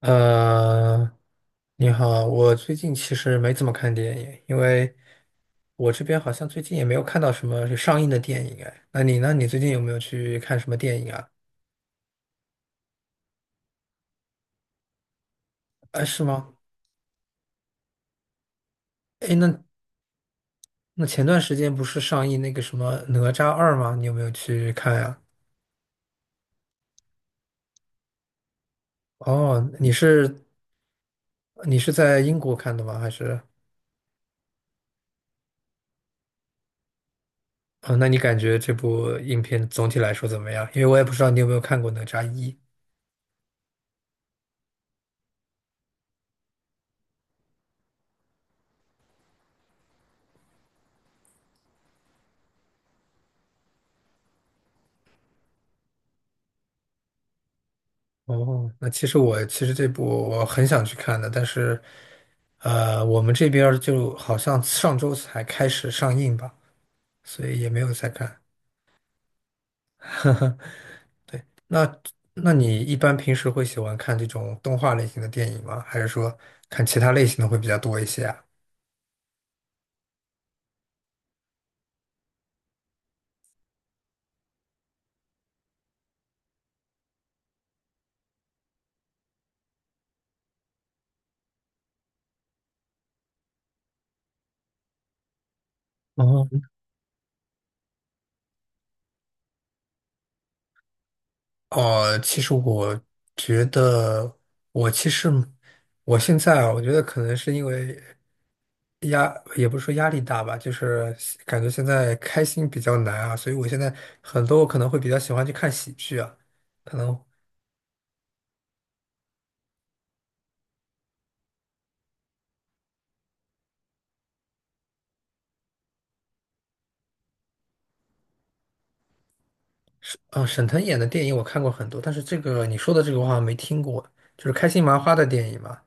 呃，你好，我最近其实没怎么看电影，因为我这边好像最近也没有看到什么上映的电影哎。那你呢？你最近有没有去看什么电影啊？哎，是吗？哎，那前段时间不是上映那个什么《哪吒二》吗？你有没有去看呀？哦，你是在英国看的吗？还是？哦，那你感觉这部影片总体来说怎么样？因为我也不知道你有没有看过《哪吒一》。哦，其实我这部我很想去看的，但是，我们这边儿就好像上周才开始上映吧，所以也没有再看。那那你一般平时会喜欢看这种动画类型的电影吗？还是说看其他类型的会比较多一些啊？哦。哦，觉得，其实我现在啊，我觉得可能是因为压，也不是说压力大吧，就是感觉现在开心比较难啊，所以我现在很多我可能会比较喜欢去看喜剧啊，可能是嗯，沈腾演的电影我看过很多，但是这个你说的这个我好像没听过，就是开心麻花的电影嘛。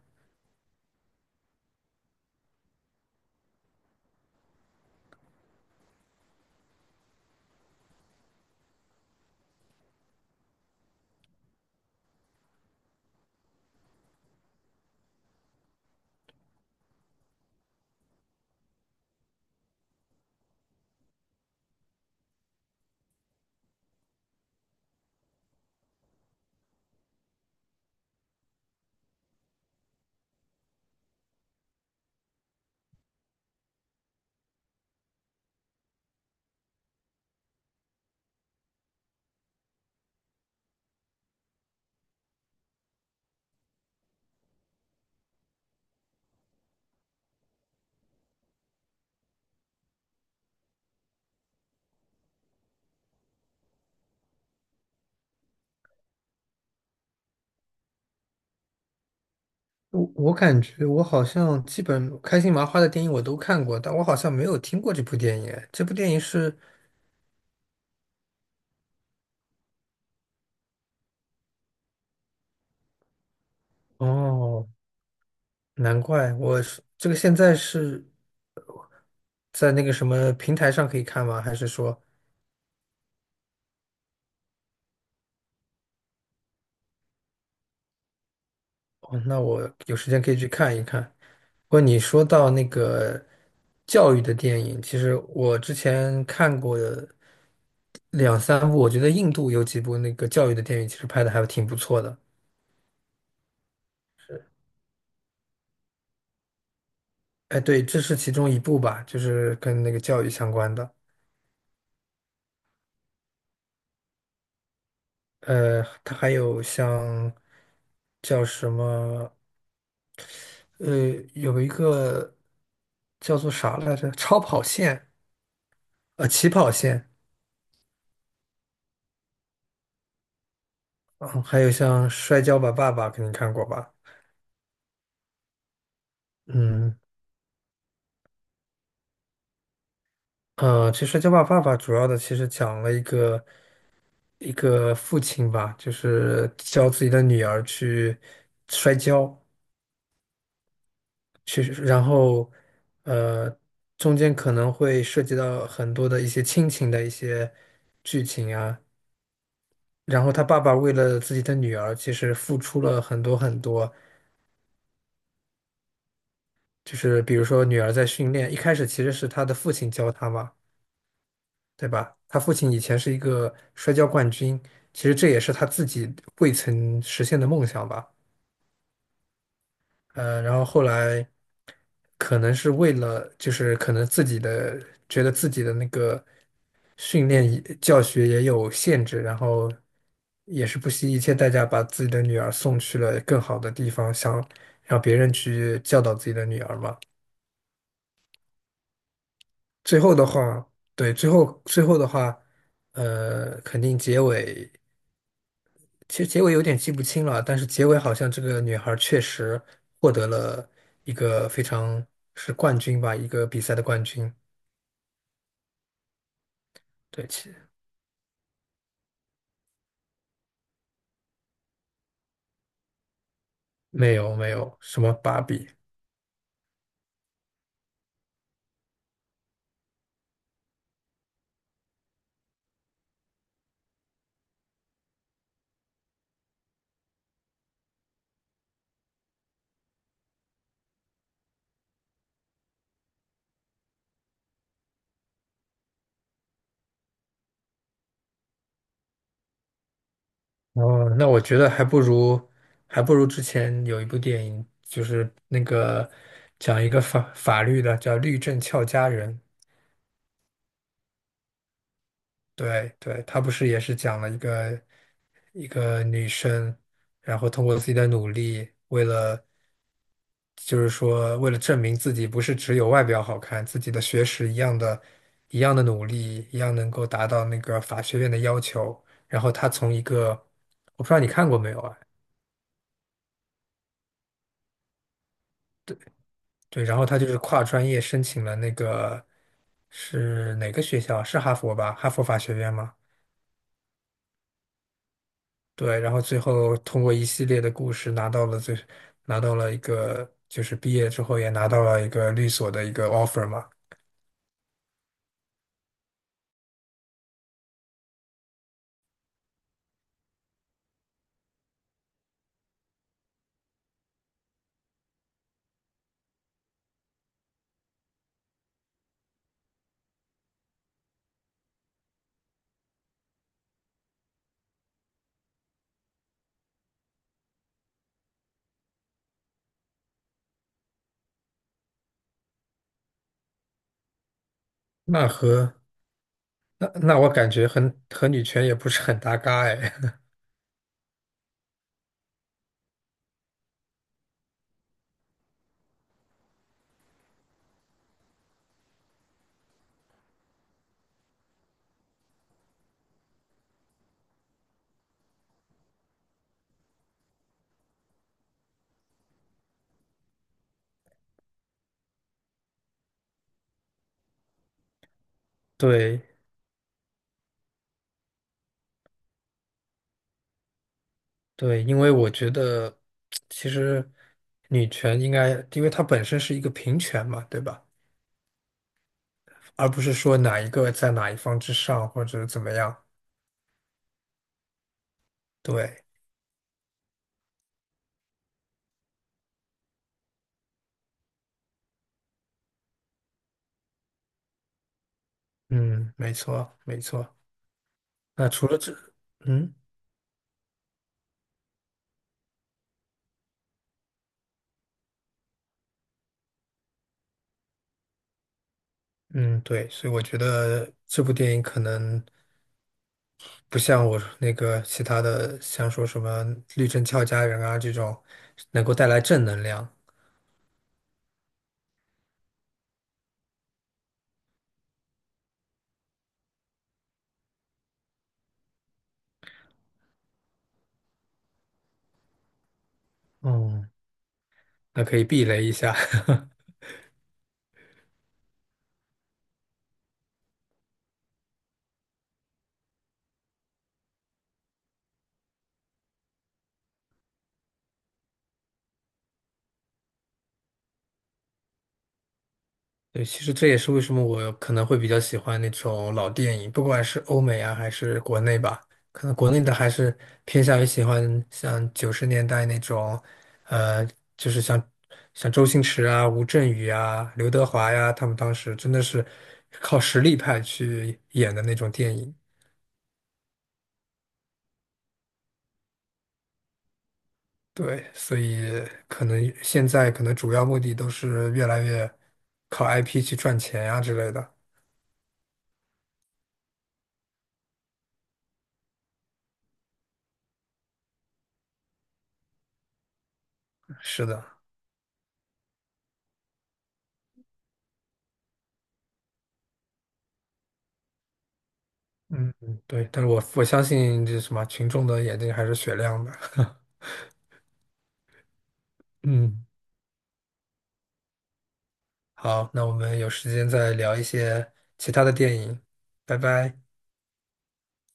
我感觉我好像基本开心麻花的电影我都看过，但我好像没有听过这部电影。这部电影是哦，难怪我是这个现在是在那个什么平台上可以看吗？还是说，哦，那我有时间可以去看一看。不过你说到那个教育的电影，其实我之前看过的两三部，我觉得印度有几部那个教育的电影，其实拍的还挺不错的。哎，对，这是其中一部吧，就是跟那个教育相关的。呃，它还有像叫什么？呃，有一个叫做啥来着？超跑线，呃，起跑线，啊，还有像《摔跤吧，爸爸》，肯定看过吧？嗯，呃，其实《摔跤吧，爸爸》主要的其实讲了一个父亲吧，就是教自己的女儿去摔跤，去，然后呃，中间可能会涉及到很多的一些亲情的一些剧情啊。然后他爸爸为了自己的女儿，其实付出了很多很多，就是比如说女儿在训练，一开始其实是她的父亲教她嘛，对吧？她父亲以前是一个摔跤冠军，其实这也是她自己未曾实现的梦想吧。呃，然后后来可能是为了，就是可能自己的觉得自己的那个训练也教学也有限制，然后也是不惜一切代价把自己的女儿送去了更好的地方，想让别人去教导自己的女儿嘛。最后的话，对，最后的话，呃，肯定结尾，其实结尾有点记不清了，但是结尾好像这个女孩儿确实获得了一个非常是冠军吧，一个比赛的冠军。对，其没有没有什么芭比。哦，那我觉得还不如之前有一部电影，就是那个讲一个法法律的，叫《律政俏佳人》。对对，他不是也是讲了一个女生，然后通过自己的努力，为了就是说为了证明自己不是只有外表好看，自己的学识一样的，一样的努力，一样能够达到那个法学院的要求。然后她从一个我不知道你看过没有啊？对，然后她就是跨专业申请了那个是哪个学校？是哈佛吧？哈佛法学院吗？对，然后最后通过一系列的故事拿到了最，拿到了一个就是毕业之后也拿到了一个律所的一个 offer 嘛。那和那我感觉和女权也不是很搭嘎哎。对对，因为我觉得其实女权应该，因为它本身是一个平权嘛，对吧？而不是说哪一个在哪一方之上或者怎么样。对，嗯，没错没错。那除了这，嗯。嗯，对，所以我觉得这部电影可能不像我那个其他的，像说什么《绿灯俏佳人》啊这种，能够带来正能量。嗯，那可以避雷一下。对，其实这也是为什么我可能会比较喜欢那种老电影，不管是欧美啊还是国内吧，可能国内的还是偏向于喜欢像90年代那种，呃，就是像像周星驰啊、吴镇宇啊、刘德华呀，他们当时真的是靠实力派去演的那种电影。对，所以可能现在可能主要目的都是越来越靠 IP 去赚钱呀、之类的。是的。嗯，嗯对，但是我相信这什么群众的眼睛还是雪亮的。嗯，好，那我们有时间再聊一些其他的电影，拜拜。